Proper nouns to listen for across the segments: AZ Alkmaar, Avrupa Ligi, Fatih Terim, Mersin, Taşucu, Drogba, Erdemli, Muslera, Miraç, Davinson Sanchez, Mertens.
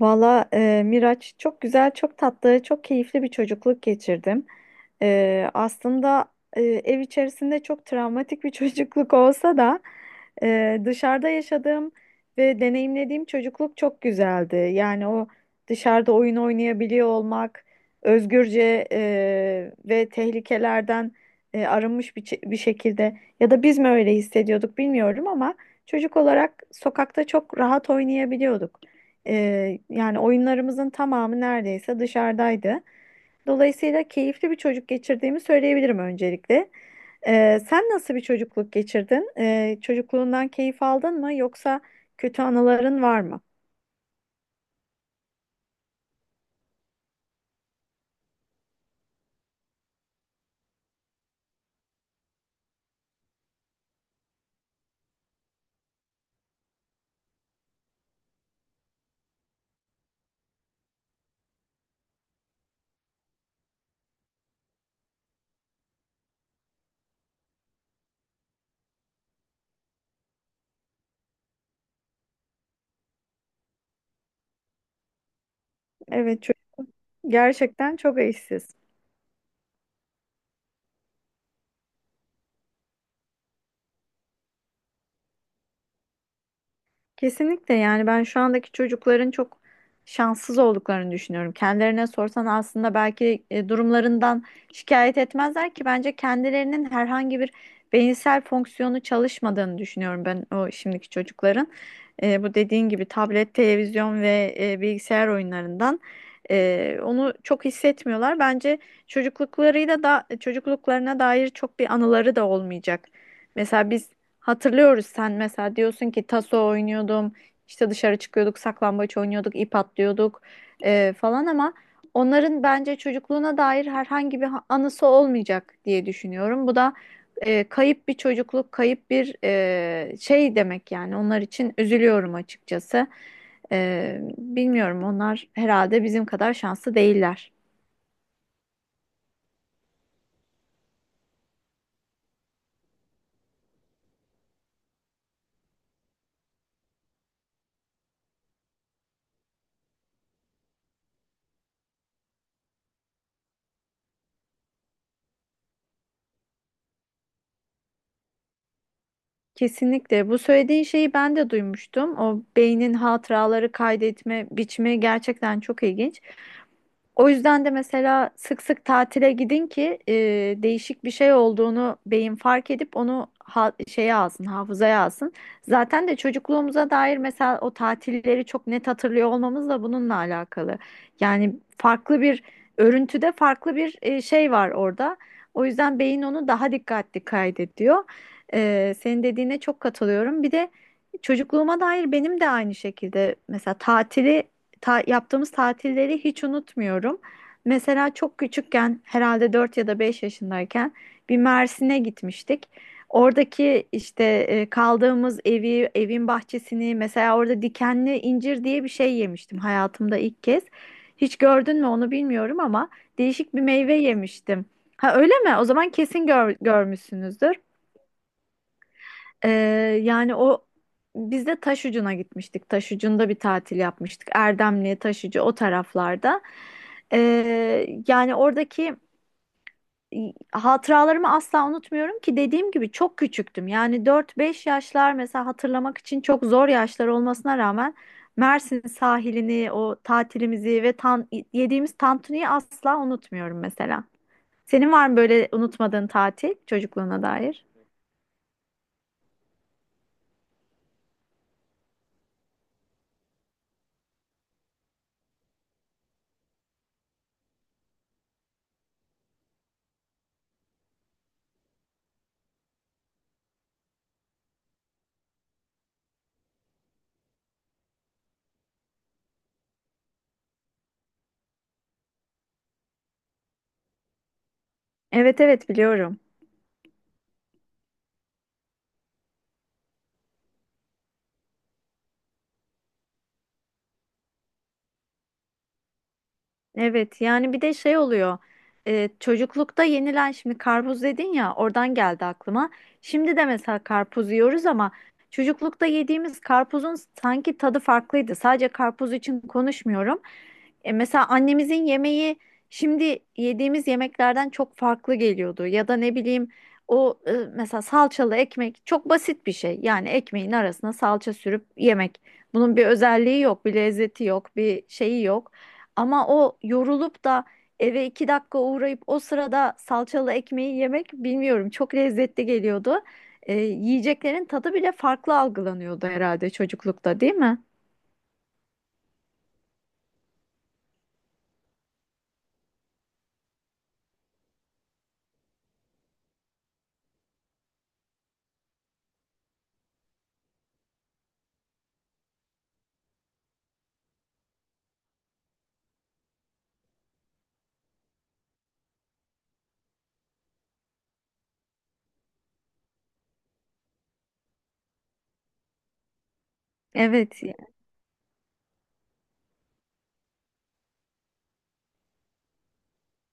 Valla Miraç, çok güzel, çok tatlı, çok keyifli bir çocukluk geçirdim. Aslında ev içerisinde çok travmatik bir çocukluk olsa da dışarıda yaşadığım ve deneyimlediğim çocukluk çok güzeldi. Yani o dışarıda oyun oynayabiliyor olmak, özgürce ve tehlikelerden arınmış bir şekilde, ya da biz mi öyle hissediyorduk bilmiyorum, ama çocuk olarak sokakta çok rahat oynayabiliyorduk. Yani oyunlarımızın tamamı neredeyse dışarıdaydı. Dolayısıyla keyifli bir çocuk geçirdiğimi söyleyebilirim öncelikle. Sen nasıl bir çocukluk geçirdin? Çocukluğundan keyif aldın mı, yoksa kötü anıların var mı? Evet, gerçekten çok eşsiz. Kesinlikle. Yani ben şu andaki çocukların çok şanssız olduklarını düşünüyorum. Kendilerine sorsan aslında belki durumlarından şikayet etmezler, ki bence kendilerinin herhangi bir beyinsel fonksiyonu çalışmadığını düşünüyorum ben o şimdiki çocukların. Bu dediğin gibi tablet, televizyon ve bilgisayar oyunlarından onu çok hissetmiyorlar. Bence çocukluklarıyla da, çocukluklarına dair çok bir anıları da olmayacak. Mesela biz hatırlıyoruz. Sen mesela diyorsun ki taso oynuyordum, işte dışarı çıkıyorduk, saklambaç oynuyorduk, ip atlıyorduk falan, ama onların bence çocukluğuna dair herhangi anısı olmayacak diye düşünüyorum. Bu da kayıp bir çocukluk, kayıp bir şey demek yani. Onlar için üzülüyorum açıkçası. Bilmiyorum, onlar herhalde bizim kadar şanslı değiller. Kesinlikle. Bu söylediğin şeyi ben de duymuştum. O beynin hatıraları kaydetme biçimi gerçekten çok ilginç. O yüzden de mesela sık sık tatile gidin ki değişik bir şey olduğunu beyin fark edip onu şeye alsın, hafızaya alsın. Zaten de çocukluğumuza dair mesela o tatilleri çok net hatırlıyor olmamız da bununla alakalı. Yani farklı bir örüntüde, farklı bir şey var orada. O yüzden beyin onu daha dikkatli kaydediyor. Senin dediğine çok katılıyorum. Bir de çocukluğuma dair benim de aynı şekilde mesela yaptığımız tatilleri hiç unutmuyorum. Mesela çok küçükken, herhalde 4 ya da 5 yaşındayken, bir Mersin'e gitmiştik. Oradaki işte kaldığımız evi, evin bahçesini, mesela orada dikenli incir diye bir şey yemiştim hayatımda ilk kez. Hiç gördün mü onu bilmiyorum ama değişik bir meyve yemiştim. Ha, öyle mi? O zaman kesin görmüşsünüzdür. Ee, Yani o biz de Taşucu'na gitmiştik. Taşucu'nda bir tatil yapmıştık. Erdemli, Taşucu, o taraflarda. Yani oradaki hatıralarımı asla unutmuyorum, ki dediğim gibi çok küçüktüm. Yani dört beş yaşlar, mesela hatırlamak için çok zor yaşlar olmasına rağmen Mersin sahilini, o tatilimizi ve yediğimiz tantuniyi asla unutmuyorum mesela. Senin var mı böyle unutmadığın tatil, çocukluğuna dair? Evet, evet, biliyorum. Evet, yani bir de şey oluyor, çocuklukta yenilen, şimdi karpuz dedin ya, oradan geldi aklıma. Şimdi de mesela karpuz yiyoruz ama çocuklukta yediğimiz karpuzun sanki tadı farklıydı. Sadece karpuz için konuşmuyorum. Mesela annemizin yemeği şimdi yediğimiz yemeklerden çok farklı geliyordu. Ya da ne bileyim, o mesela salçalı ekmek, çok basit bir şey. Yani ekmeğin arasına salça sürüp yemek. Bunun bir özelliği yok, bir lezzeti yok, bir şeyi yok. Ama o yorulup da eve iki dakika uğrayıp o sırada salçalı ekmeği yemek, bilmiyorum, çok lezzetli geliyordu. Yiyeceklerin tadı bile farklı algılanıyordu herhalde çocuklukta, değil mi? Evet.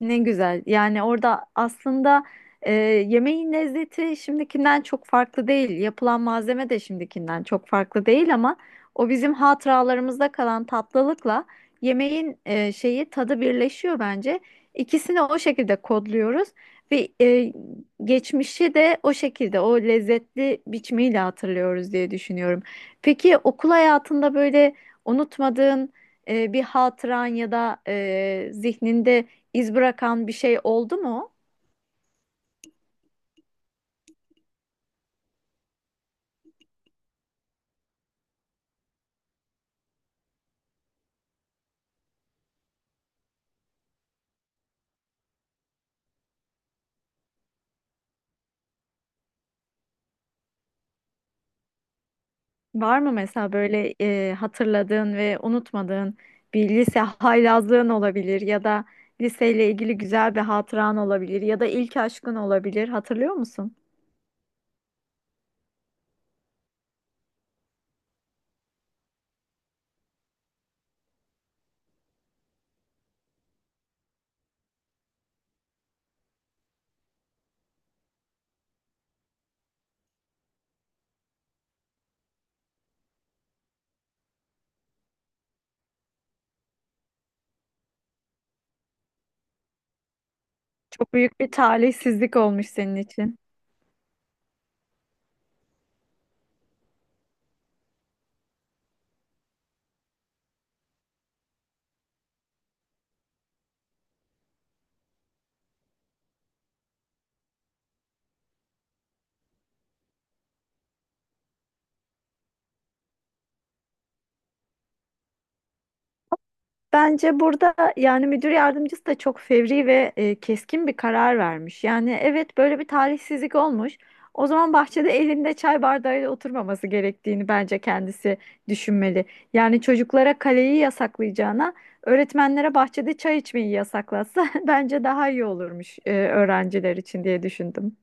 Ne güzel. Yani orada aslında e, yemeğin lezzeti şimdikinden çok farklı değil. Yapılan malzeme de şimdikinden çok farklı değil, ama o bizim hatıralarımızda kalan tatlılıkla yemeğin şeyi, tadı birleşiyor bence. İkisini o şekilde kodluyoruz ve geçmişi de o şekilde, o lezzetli biçimiyle hatırlıyoruz diye düşünüyorum. Peki okul hayatında böyle unutmadığın bir hatıran ya da zihninde İz bırakan bir şey oldu mu? Var mı mesela böyle hatırladığın ve unutmadığın bir lise haylazlığın olabilir, ya da liseyle ilgili güzel bir hatıran olabilir, ya da ilk aşkın olabilir. Hatırlıyor musun? Çok büyük bir talihsizlik olmuş senin için. Bence burada yani müdür yardımcısı da çok fevri ve keskin bir karar vermiş. Yani evet, böyle bir talihsizlik olmuş. O zaman bahçede elinde çay bardağıyla oturmaması gerektiğini bence kendisi düşünmeli. Yani çocuklara kaleyi yasaklayacağına, öğretmenlere bahçede çay içmeyi yasaklatsa bence daha iyi olurmuş öğrenciler için diye düşündüm.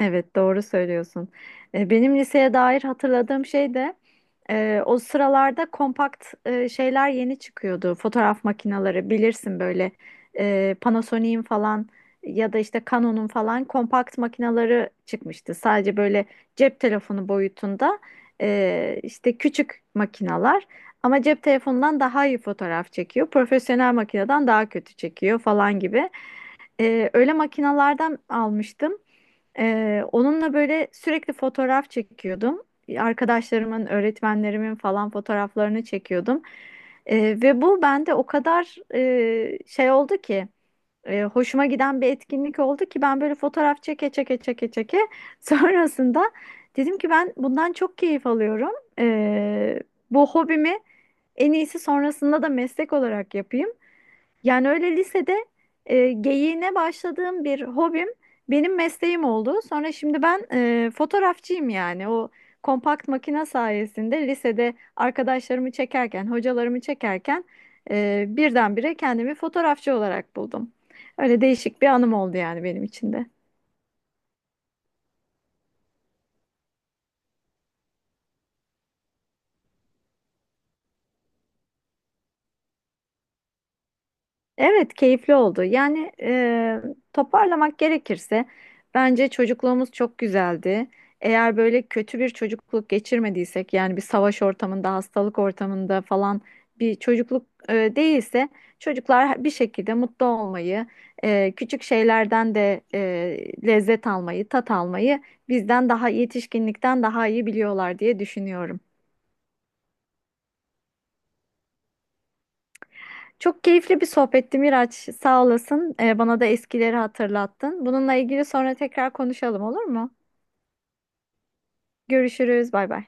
Evet, doğru söylüyorsun. Benim liseye dair hatırladığım şey de, o sıralarda kompakt şeyler yeni çıkıyordu. Fotoğraf makineleri, bilirsin, böyle Panasonic'in falan ya da işte Canon'un falan kompakt makineleri çıkmıştı. Sadece böyle cep telefonu boyutunda işte küçük makinalar, ama cep telefonundan daha iyi fotoğraf çekiyor, profesyonel makineden daha kötü çekiyor falan gibi. Öyle makinalardan almıştım. Onunla böyle sürekli fotoğraf çekiyordum. Arkadaşlarımın, öğretmenlerimin falan fotoğraflarını çekiyordum. Ee, Ve bu bende o kadar şey oldu ki, hoşuma giden bir etkinlik oldu ki, ben böyle fotoğraf çeke çeke çeke çeke sonrasında dedim ki ben bundan çok keyif alıyorum. Ee, Bu hobimi en iyisi sonrasında da meslek olarak yapayım. Yani öyle lisede geyiğine başladığım bir hobim benim mesleğim oldu. Sonra şimdi ben fotoğrafçıyım yani. O kompakt makine sayesinde lisede arkadaşlarımı çekerken, hocalarımı çekerken birdenbire kendimi fotoğrafçı olarak buldum. Öyle değişik bir anım oldu yani benim için de. Evet, keyifli oldu. Yani toparlamak gerekirse bence çocukluğumuz çok güzeldi. Eğer böyle kötü bir çocukluk geçirmediysek, yani bir savaş ortamında, hastalık ortamında falan bir çocukluk değilse, çocuklar bir şekilde mutlu olmayı, küçük şeylerden de lezzet almayı, tat almayı bizden daha, yetişkinlikten daha iyi biliyorlar diye düşünüyorum. Çok keyifli bir sohbetti Miraç. Sağ olasın. Bana da eskileri hatırlattın. Bununla ilgili sonra tekrar konuşalım, olur mu? Görüşürüz. Bay bay.